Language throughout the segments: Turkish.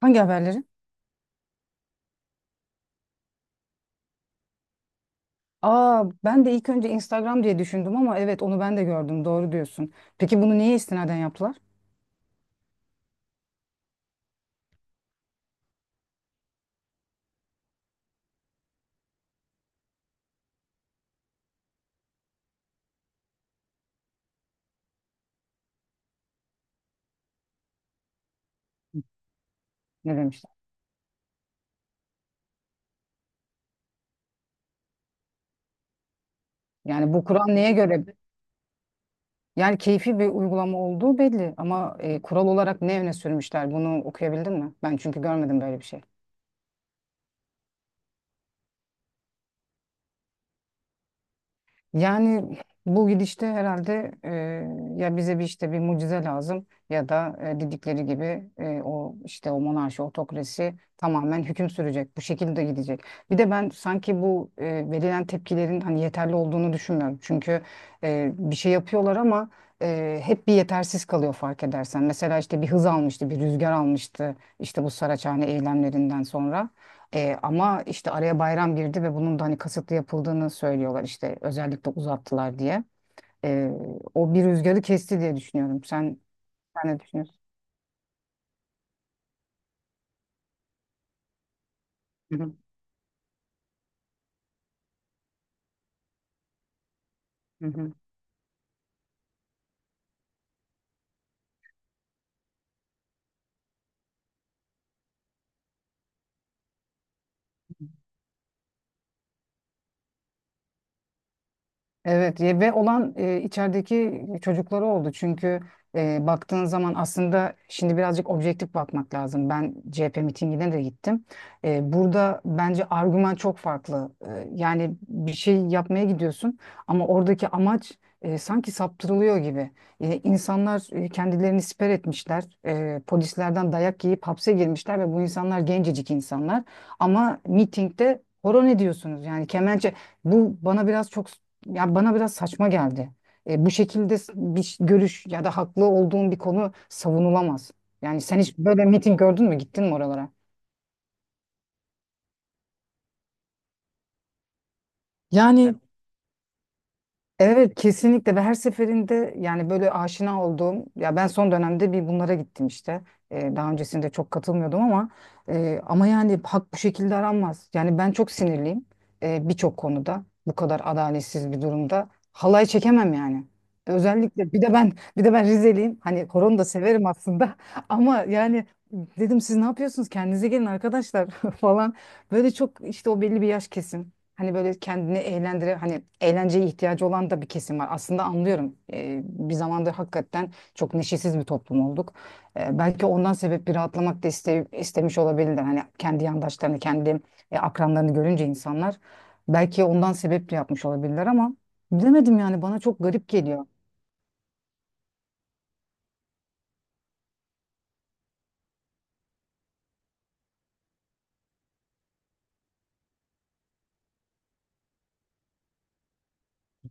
Hangi haberleri? Aa, ben de ilk önce Instagram diye düşündüm ama evet onu ben de gördüm. Doğru diyorsun. Peki bunu neye istinaden yaptılar? Ne demişler? Yani bu kural neye göre? Yani keyfi bir uygulama olduğu belli ama kural olarak ne öne sürmüşler? Bunu okuyabildin mi? Ben çünkü görmedim böyle bir şey. Yani bu gidişte herhalde ya bize bir işte bir mucize lazım ya da dedikleri gibi o işte o monarşi, otokrasi tamamen hüküm sürecek. Bu şekilde gidecek. Bir de ben sanki bu verilen tepkilerin hani yeterli olduğunu düşünmüyorum. Çünkü bir şey yapıyorlar ama hep bir yetersiz kalıyor fark edersen. Mesela işte bir hız almıştı, bir rüzgar almıştı işte bu Saraçhane eylemlerinden sonra. Ama işte araya bayram girdi ve bunun da hani kasıtlı yapıldığını söylüyorlar işte özellikle uzattılar diye. E, O bir rüzgarı kesti diye düşünüyorum. Sen ne düşünüyorsun? Hı hı. Hı hı. Evet ve olan içerideki çocukları oldu. Çünkü baktığın zaman aslında şimdi birazcık objektif bakmak lazım. Ben CHP mitingine de gittim. Burada bence argüman çok farklı. Yani bir şey yapmaya gidiyorsun ama oradaki amaç sanki saptırılıyor gibi. İnsanlar kendilerini siper etmişler. Polislerden dayak yiyip hapse girmişler ve bu insanlar gencecik insanlar. Ama mitingde horon ediyorsunuz. Yani kemençe bu bana biraz çok ya bana biraz saçma geldi. Bu şekilde görüş ya da haklı olduğun bir konu savunulamaz. Yani sen hiç böyle miting gördün mü? Gittin mi oralara? Yani Evet, kesinlikle ve her seferinde yani böyle aşina olduğum ya ben son dönemde bir bunlara gittim işte. Daha öncesinde çok katılmıyordum ama yani hak bu şekilde aranmaz. Yani ben çok sinirliyim birçok konuda bu kadar adaletsiz bir durumda halay çekemem yani. Özellikle bir de ben Rizeliyim. Hani koronu da severim aslında ama yani dedim siz ne yapıyorsunuz kendinize gelin arkadaşlar falan. Böyle çok işte o belli bir yaş kesim. Hani böyle kendini eğlendire hani eğlenceye ihtiyacı olan da bir kesim var. Aslında anlıyorum. Bir zamanda hakikaten çok neşesiz bir toplum olduk. Belki ondan sebep bir rahatlamak da istemiş olabilirler. Hani kendi yandaşlarını, kendi akranlarını görünce insanlar belki ondan sebep de yapmış olabilirler ama bilemedim yani bana çok garip geliyor.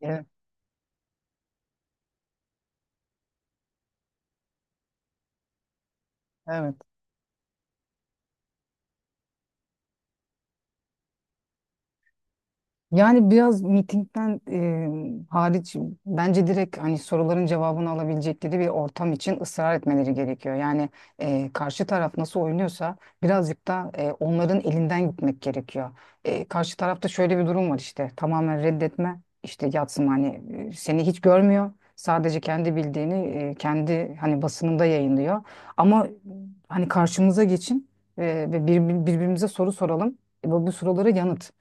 Evet. Evet. Yani biraz mitingden hariç bence direkt hani soruların cevabını alabilecekleri bir ortam için ısrar etmeleri gerekiyor. Yani karşı taraf nasıl oynuyorsa birazcık da onların elinden gitmek gerekiyor. Karşı tarafta şöyle bir durum var işte tamamen reddetme işte yatsın hani seni hiç görmüyor. Sadece kendi bildiğini kendi hani basınında yayınlıyor. Ama hani karşımıza geçin e, ve birbirimize soru soralım. Bu sorulara yanıt.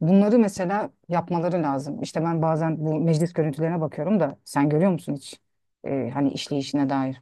Bunları mesela yapmaları lazım. İşte ben bazen bu meclis görüntülerine bakıyorum da sen görüyor musun hiç? Hani işleyişine dair.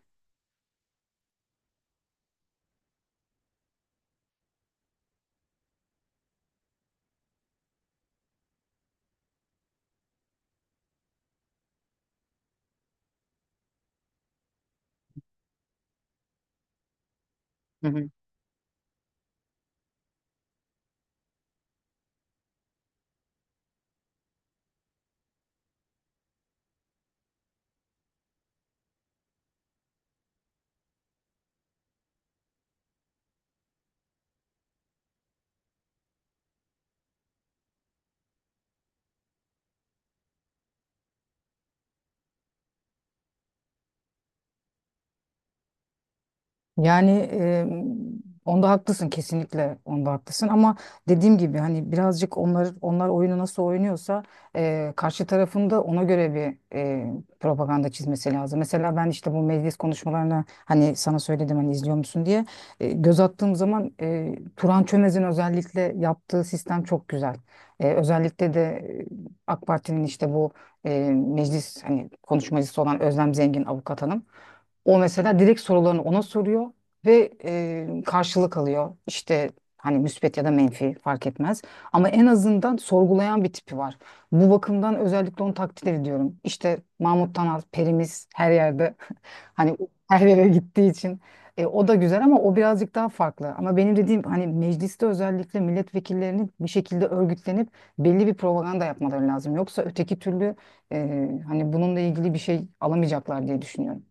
Yani onda haklısın, kesinlikle onda haklısın ama dediğim gibi hani birazcık onlar oyunu nasıl oynuyorsa karşı tarafın da ona göre bir propaganda çizmesi lazım. Mesela ben işte bu meclis konuşmalarına hani sana söyledim hani izliyor musun diye. Göz attığım zaman Turan Çömez'in özellikle yaptığı sistem çok güzel. Özellikle de AK Parti'nin işte bu meclis hani konuşmacısı olan Özlem Zengin avukat hanım. O mesela direkt sorularını ona soruyor ve karşılık alıyor. İşte hani müspet ya da menfi fark etmez. Ama en azından sorgulayan bir tipi var. Bu bakımdan özellikle onu takdir ediyorum. İşte Mahmut Tanal, perimiz her yerde hani her yere gittiği için. O da güzel ama o birazcık daha farklı. Ama benim dediğim hani mecliste özellikle milletvekillerinin bir şekilde örgütlenip belli bir propaganda yapmaları lazım. Yoksa öteki türlü hani bununla ilgili bir şey alamayacaklar diye düşünüyorum.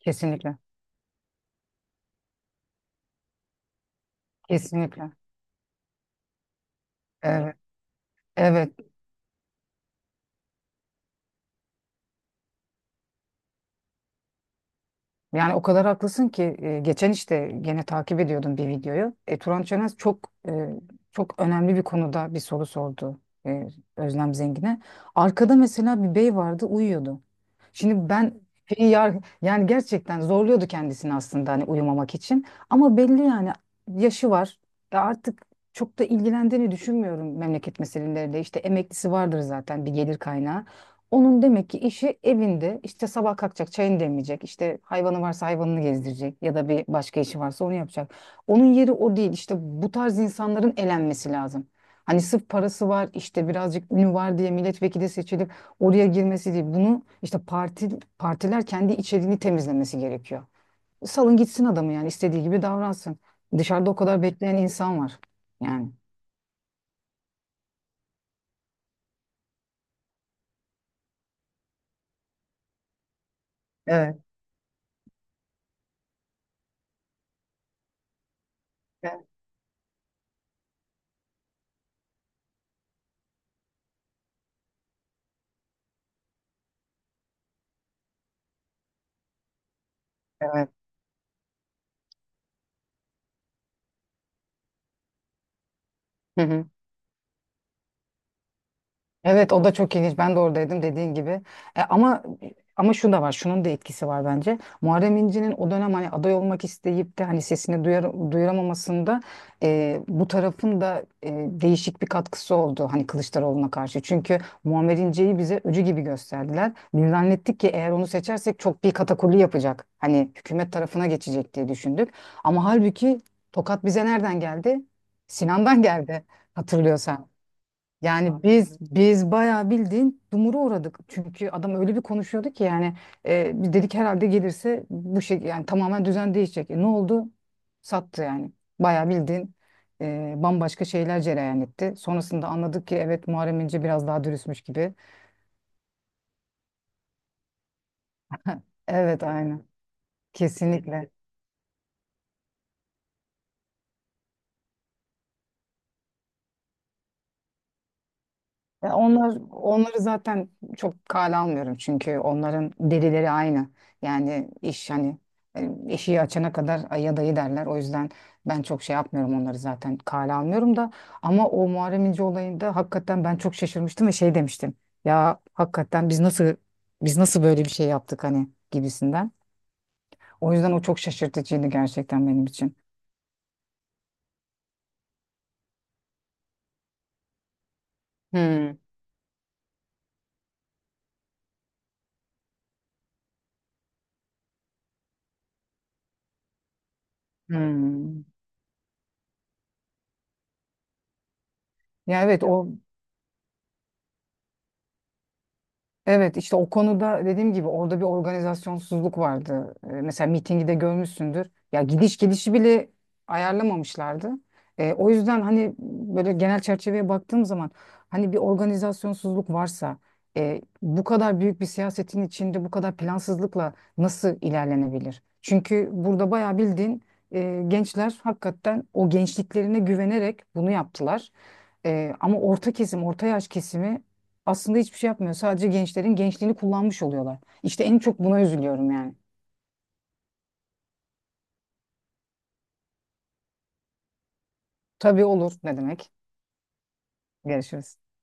Kesinlikle. Kesinlikle. Evet. Evet. Yani o kadar haklısın ki geçen işte gene takip ediyordum bir videoyu. Turan Çönez çok e, çok önemli bir konuda bir soru sordu e, Özlem Zengin'e. Arkada mesela bir bey vardı uyuyordu. Şimdi ben şeyi yar- yani gerçekten zorluyordu kendisini aslında hani uyumamak için. Ama belli yani yaşı var. Ya artık çok da ilgilendiğini düşünmüyorum memleket meselelerinde. İşte emeklisi vardır zaten bir gelir kaynağı. Onun demek ki işi evinde, işte sabah kalkacak çayını demleyecek, işte hayvanı varsa hayvanını gezdirecek ya da bir başka işi varsa onu yapacak. Onun yeri o değil. İşte bu tarz insanların elenmesi lazım. Hani sırf parası var işte birazcık ünü var diye milletvekili seçilip oraya girmesi değil. Bunu işte partiler kendi içeriğini temizlemesi gerekiyor. Salın gitsin adamı yani, istediği gibi davransın. Dışarıda o kadar bekleyen insan var yani. Evet, evet, evet. Hı hı. Evet, o da çok ilginç. Ben de oradaydım dediğin gibi. E, ama Ama şu da var. Şunun da etkisi var bence. Muharrem İnce'nin o dönem hani aday olmak isteyip de hani sesini duyuramamasında bu tarafın da değişik bir katkısı oldu hani Kılıçdaroğlu'na karşı. Çünkü Muammer İnce'yi bize öcü gibi gösterdiler. Biz zannettik ki eğer onu seçersek çok bir katakulli yapacak. Hani hükümet tarafına geçecek diye düşündük. Ama halbuki tokat bize nereden geldi? Sinan'dan geldi, hatırlıyorsan. Yani biz bayağı bildiğin dumura uğradık. Çünkü adam öyle bir konuşuyordu ki yani biz dedik herhalde gelirse bu şey yani tamamen düzen değişecek. Ne oldu? Sattı yani. Bayağı bildiğin bambaşka şeyler cereyan etti. Sonrasında anladık ki evet, Muharrem İnce biraz daha dürüstmüş gibi. Evet aynı Kesinlikle. Ya onlar, onları zaten çok kale almıyorum çünkü onların derileri aynı. Yani iş hani eşiği açana kadar aya dayı derler. O yüzden ben çok şey yapmıyorum, onları zaten kale almıyorum da ama o Muharrem İnce olayında hakikaten ben çok şaşırmıştım ve şey demiştim. Ya hakikaten biz nasıl Biz nasıl böyle bir şey yaptık hani gibisinden. O yüzden o çok şaşırtıcıydı gerçekten benim için. Hmm. Hmm. Ya evet o Evet, işte o konuda dediğim gibi orada bir organizasyonsuzluk vardı. Mesela mitingi de görmüşsündür. Ya gidiş gelişi bile ayarlamamışlardı. O yüzden hani böyle genel çerçeveye baktığım zaman hani bir organizasyonsuzluk varsa bu kadar büyük bir siyasetin içinde bu kadar plansızlıkla nasıl ilerlenebilir? Çünkü burada bayağı bildiğin gençler hakikaten o gençliklerine güvenerek bunu yaptılar. Ama orta kesim, orta yaş kesimi aslında hiçbir şey yapmıyor. Sadece gençlerin gençliğini kullanmış oluyorlar. İşte en çok buna üzülüyorum yani. Tabii, olur ne demek. Görüşürüz.